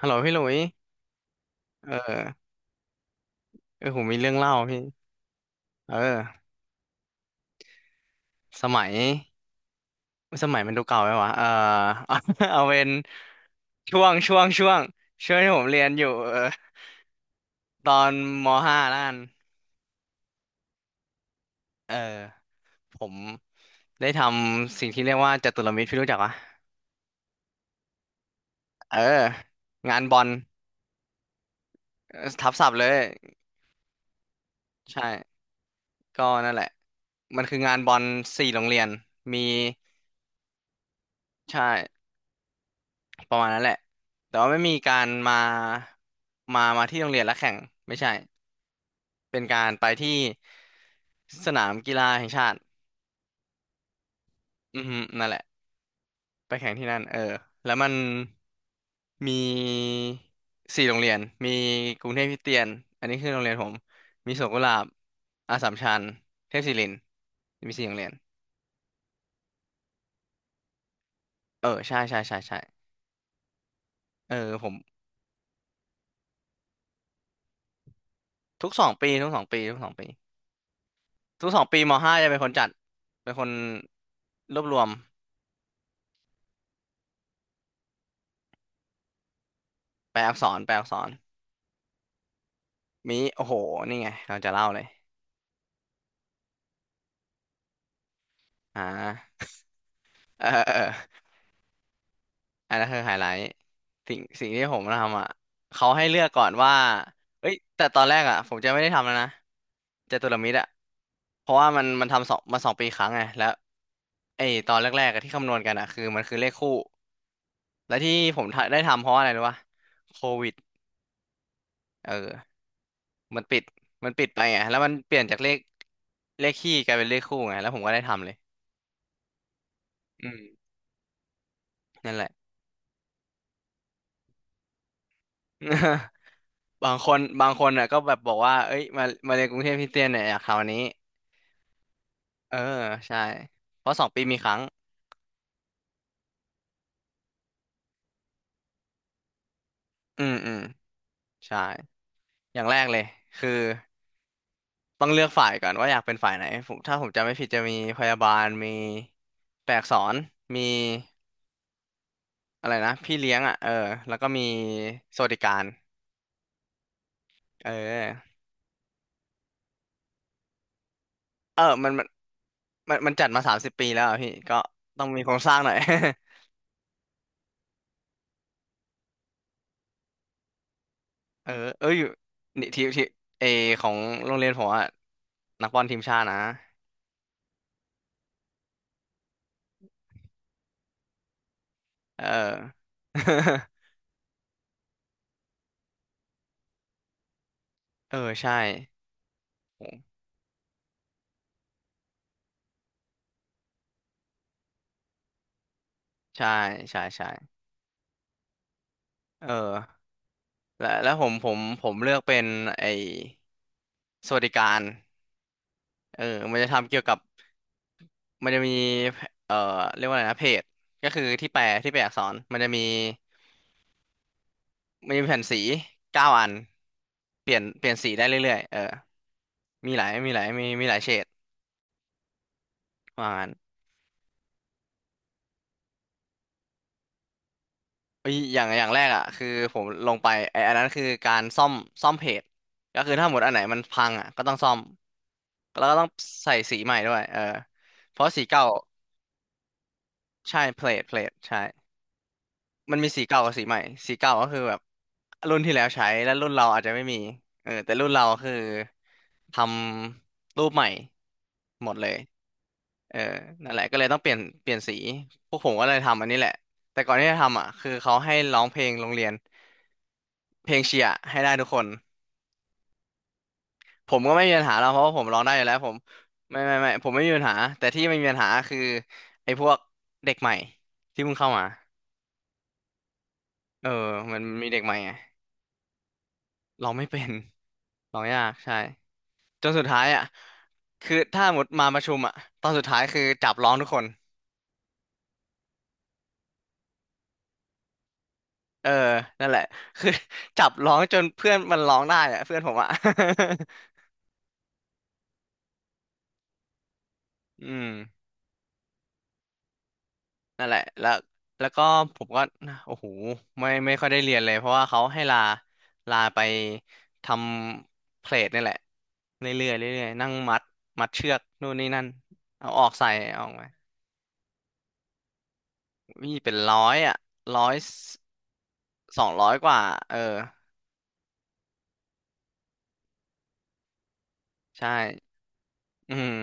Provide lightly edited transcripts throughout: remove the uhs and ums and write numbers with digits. ฮัลโหลพี่หลุยเออเออผมมีเรื่องเล่าพี่เออสมัย สมัยมันดูเก่าไหมวะ เออเอา เอาเป็นช่วงช่วงที่ผมเรียนอยู่เออตอนมห้าแล้วกันเออ ผมได้ทำสิ่งที่เรียกว่าจตุรมิตรพี่รู้จักปะเออ งานบอลเออทับศัพท์เลย ใช่ ก็นั่นแหละ มันคืองานบอล4 โรงเรียน มีใช่ ประมาณนั้นแหละแต่ว่าไม่มีการมามาที่โรงเรียนแล้วแข่งไม่ใช่เป็นการไปที่สนามกีฬาแห่งชาติอือฮึนั่นแหละไปแข่งที่นั่นเออแล้วมันมีสี่โรงเรียน มีกรุงเทพคริสเตียนอันนี้คือโรงเรียนผมมีสวนกุหลาบอัสสัมชัญเทพศิรินทร์มีสี่โรงเรียนเออใช่ใช่ใช่ใช่เออผมทุกสองปีทุกสองปีมห้าจะเป็นคนจัดเป็นคนรวบรวม แปลอักษรมิโอ้โหนี่ไงเราจะเล่าเลยอ่าเออเอออันนั้นคือไฮไลท์สิ่งที่ผมทำอ่ะเขาให้เลือกก่อนว่าเอ้ยแต่ตอนแรกอ่ะผมจะไม่ได้ทำแล้วนะจตุรมิตรอ่ะเพราะว่ามันทำ2 มา 2 ปีครั้งไงแล้วไอ้ตอนแรกๆอะที่คำนวณกันอ่ะคือมันคือเลขคู่และที่ผมได้ทำเพราะอะไรรู้ป่ะโควิดเออมันปิดมันปิดไปไงแล้วมันเปลี่ยนจากเลขเลขคี่กลายเป็นเลขคู่ไงแล้วผมก็ได้ทำเลยอืม นั่นแหละ บางคนอ่ะก็แบบบอกว่าเอ้ยมามาเรียนกรุงเทพคริสเตียนเนี่ยอยากคราวนี้ เออใช่เพราะสองปีมีครั้ง อืมอืมใช่อย่างแรกเลยคือต้องเลือกฝ่ายก่อนว่าอยากเป็นฝ่ายไหนผมถ้าผมจำไม่ผิดจะมีพยาบาลมีแปลอักษรมีอะไรนะพี่เลี้ยงอ่ะเออแล้วก็มีสวัสดิการ เออเออมันจัดมา30 ปีแล้วอะพี่ก็ต้องมีโครงสร้างหน่อย เออเอ้ยนี่ทีมเอของโรงเรียนผมอะนักบอลทีมชาตินะเออ เออใช่โหใช่ใช่ใช่เออแล้วแล้วผมเลือกเป็นไอ้สวัสดิการเออมันจะทำเกี่ยวกับมันจะมีเอ่อเรียกว่าอะไรนะเพจก็คือที่แปลอักษรมันจะมีมันจะมีแผ่นสี9 อันเปลี่ยนสีได้เรื่อยๆเออมีหลายมีหลายเฉดว่างั้น เอ้ยอย่างแรกอ่ะคือผมลงไปไอ้อันนั้นคือการซ่อมเพจก็คือถ้าหมดอันไหนมันพังอ่ะก็ต้องซ่อมแล้วก็ต้องใส่สีใหม่ด้วยเออเพราะสีเก่าใช่เพลทใช่มันมีสีเก่ากับสีใหม่สีเก่าก็คือแบบรุ่นที่แล้วใช้แล้วรุ่นเราอาจจะไม่มีเออแต่รุ่นเราคือทำรูปใหม่หมดเลยเออนั่นแหละก็เลยต้องเปลี่ยนสีพวกผมก็เลยทำอันนี้แหละแต่ก่อนที่จะทำอ่ะคือเขาให้ร้องเพลงโรงเรียน เพลงเชียร์ให้ได้ทุกคนผมก็ไม่มีปัญหาแล้วเพราะว่าผมร้องได้อยู่แล้วผมไม่ไม่ไม่ผมไม่มีปัญหาแต่ที่ไม่มีปัญหาคือไอ้พวกเด็กใหม่ที่เพิ่งเข้ามาเออมันมีเด็กใหม่ไงร้องไม่เป็นร้องยากใช่จนสุดท้ายอ่ะคือถ้าหมดมาประชุมอ่ะตอนสุดท้ายคือจับร้องทุกคนเออนั่นแหละคือ จับร้องจนเพื่อนมันร้องได้อ่ะเพื่อนผมอ่ะ อืม นั่นแหละแล้วแล้วก็ผมก็โอ้โหไม่ไม่ค่อยได้เรียนเลยเพราะว่าเขาให้ลาไปทำเพลทนี่แหละเรื่อยๆเรื่อยๆนั่งมัดมัดเชือกนู่นนี่นั่นเอาออกใส่เอาออกมามีเป็นร้อยอ่ะร้อย200 กว่าเออใช่อืม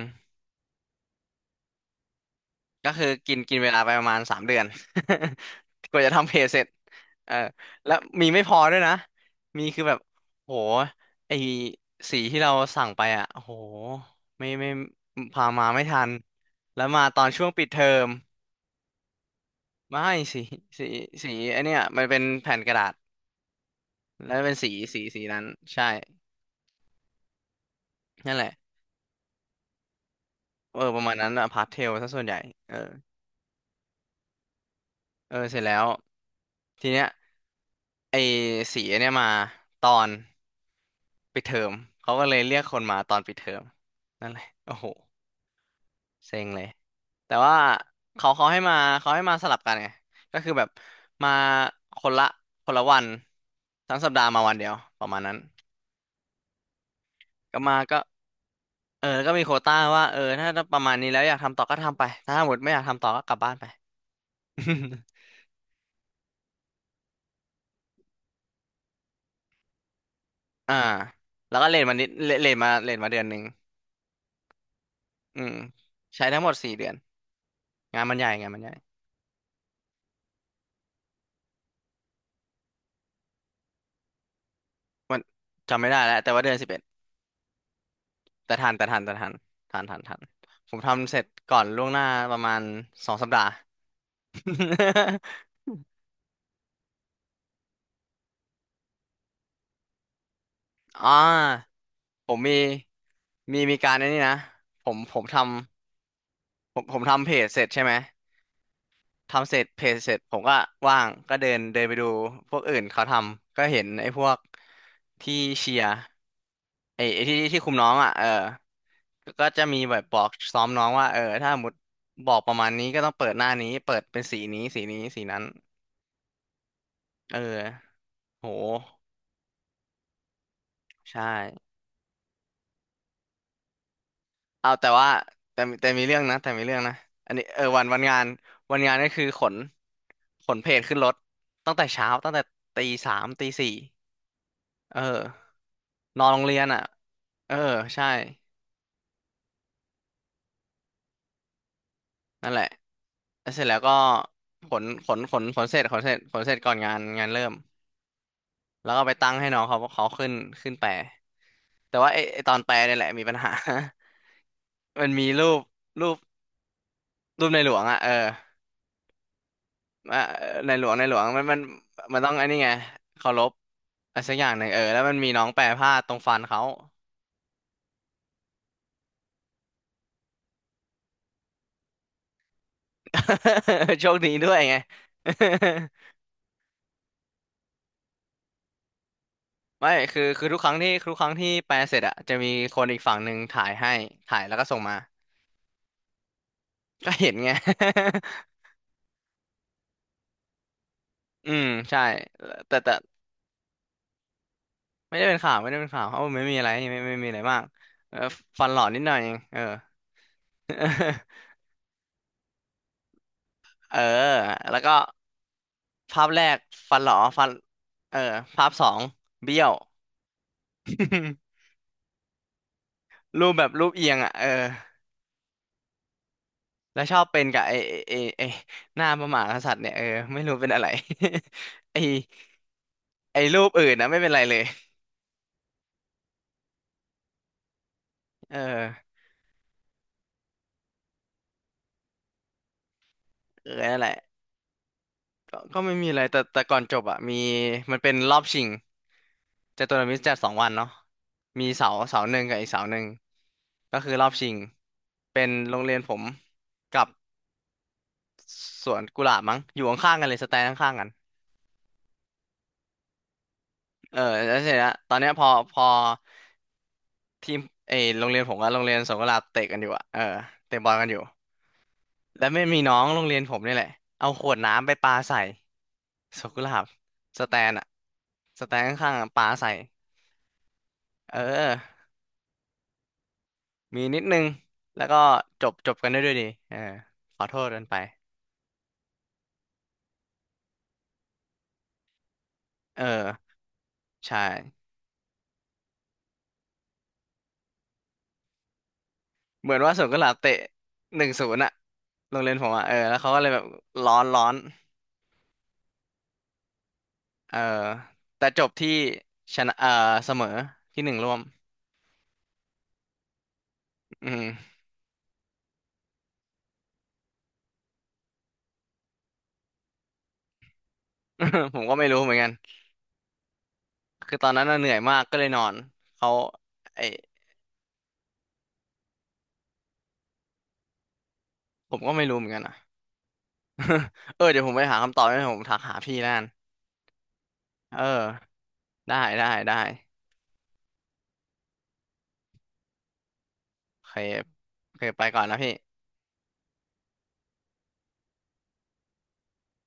ก็คือกินกินเวลาไปประมาณ3 เดือน กว่าจะทำเพจเสร็จเออแล้วมีไม่พอด้วยนะมีคือแบบโหไอสีที่เราสั่งไปอ่ะโหไม่พามาไม่ทันแล้วมาตอนช่วงปิดเทอมไม่สีสีไอเนี้ยมันเป็นแผ่นกระดาษแล้วเป็นสีนั้นใช่นั่นแหละเออประมาณนั้นอะพาสเทลซะส่วนใหญ่เออเออเสร็จแล้วทีเนี้ยไอสีเนี่ยมาตอน ปิดเทอมเขาก็เลยเรียกคนมาตอนปิดเทอมนั่นแหละโอ้โหเซ็งเลยแต่ว่าเขาให้มาสลับกันไงก็คือแบบมาคนละคนละวันทั้งสัปดาห์มาวันเดียวประมาณนั้นก็มาก็เออแล้วก็มีโควต้าว่าเออถ้าประมาณนี้แล้วอยากทำต่อก็ทำไปถ้าหมดไม่อยากทำต่อก็กลับบ้านไป อ่าแล้วก็เลทมานิดเลทมาเดือนหนึ่งอืมใช้ทั้งหมดสี่เดือนงานมันใหญ่วันจำไม่ได้แล้วแต่ว่าเดือนสิบ แต่ทันทันผมทำเสร็จก่อนล่วงหน้าประมาณสองสัปดาห์ อ่าผมมีมีการในนี้นะ ผมผมทำผมทำเพจเสร็จใช่ไหมทำเสร็จเพจเสร็จผมก็ว่างก็เดินเดินไปดูพวกอื่นเขาทำก็เห็นไอ้พวกที่เชียร์ไอ้ที่คุมน้องอ่ะเออก็จะมีแบบบอกซ้อมน้องว่าเออถ้าสมมติบอกประมาณนี้ก็ต้องเปิดหน้านี้เปิดเป็นสีนี้สีนี้สีนั้น เออโหใช่เอาแต่ว่าแต่มีเรื่องนะแต่มีเรื่องนะอันนี้เออวันงานวันงานก็คือขนเพจขึ้นรถตั้งแต่เช้าตั้งแต่ตีสามตีสี่เออนอนโรงเรียนอ่ะเออใช่นั่นแหละแล้วเสร็จแล้วก็ขนเสร็จขนเสร็จก่อนงานเริ่มแล้วก็ไปตั้งให้น้องเขาขึ้นแปลแต่ว่าไอไอตอนแปลเนี่ยแหละมีปัญหา มันมีรูปรูปรูปในหลวงอ่ะเออ อ่ะในหลวงมันมันต้องอันนี้ไงเคารพอะไรสักอย่างหนึ่งเออแล้วมันมีน้องแปรผ้าตรงฟันเขา โชคดีด้วยไง ไม่คือทุกครั้งที่แปลเสร็จอะจะมีคนอีกฝั่งหนึ่งถ่ายให้ถ่ายแล้วก็ส่งมาก็เห็นไง อืมใช่แต่ไม่ได้เป็นข่าวไม่ได้เป็นข่าวเพราะว่าไม่มีอะไรไม่ไม่ไมมีอะไรมากเออฟันหล่อนิดหน่อยเองเออ เออแล้วก็ภาพแรกฟันหล่อฟันเออภาพสองเบี้ยว รูปแบบรูปเอียงอ่ะเออแล้วชอบเป็นกับไอ้หน้าพระมหากษัตริย์เนี่ยเออไม่รู้เป็นอะไร ไอ้ไอ้รูปอื่นนะไม่เป็นไรเลยเออเออนั่นแหละก็ไม่มีอะไรแต่ก่อนจบอ่ะมีมันเป็นรอบชิงจตุรมิตรจัดสองวันเนาะมีเสาหนึ่งกับอีกเสาหนึ่งก็คือรอบชิงเป็นโรงเรียนผมกับสวนกุหลาบมั้งอยู่ข้างๆกันเลยสแตนข้างๆกันเออแล้วเสร็จแล้วตอนเนี้ยพอ ทีมเออโรงเรียนผมกับโรงเรียนสวนกุหลาบเตะกันอยู่อะเออเตะบอลกันอยู่แล้วไม่มีน้องโรงเรียนผมนี่แหละเอาขวดน้ำไปปาใส่สวนกุหลาบสแตนอะสแตนข้างๆอะปาใส่เออมีนิดนึงแล้วก็จบกันได้ด้วยดีเออขอโทษกันไปเออใช่เหมือนว่าสวนกุหลาบเตะหนึ่งศูนย์อะโรงเรียนผมอะเออแล้วเขาก็เลยแบบร้อนเออแต่จบที่ชนะเออเสมอที่หนึ่งร่วมอืม ผมก็ไม่รู้เหมือนกัน คือตอนนั้นน่ะเหนื่อยมากก็เลยนอนเขาไอผมก็ไม่รู้เหมือนกันอ่ะ เออเดี๋ยวผมไปหาคำตอบให้ผมทักหาพี่นั่นเออได้ได้โอเคโอเคไปก่อนนะพี่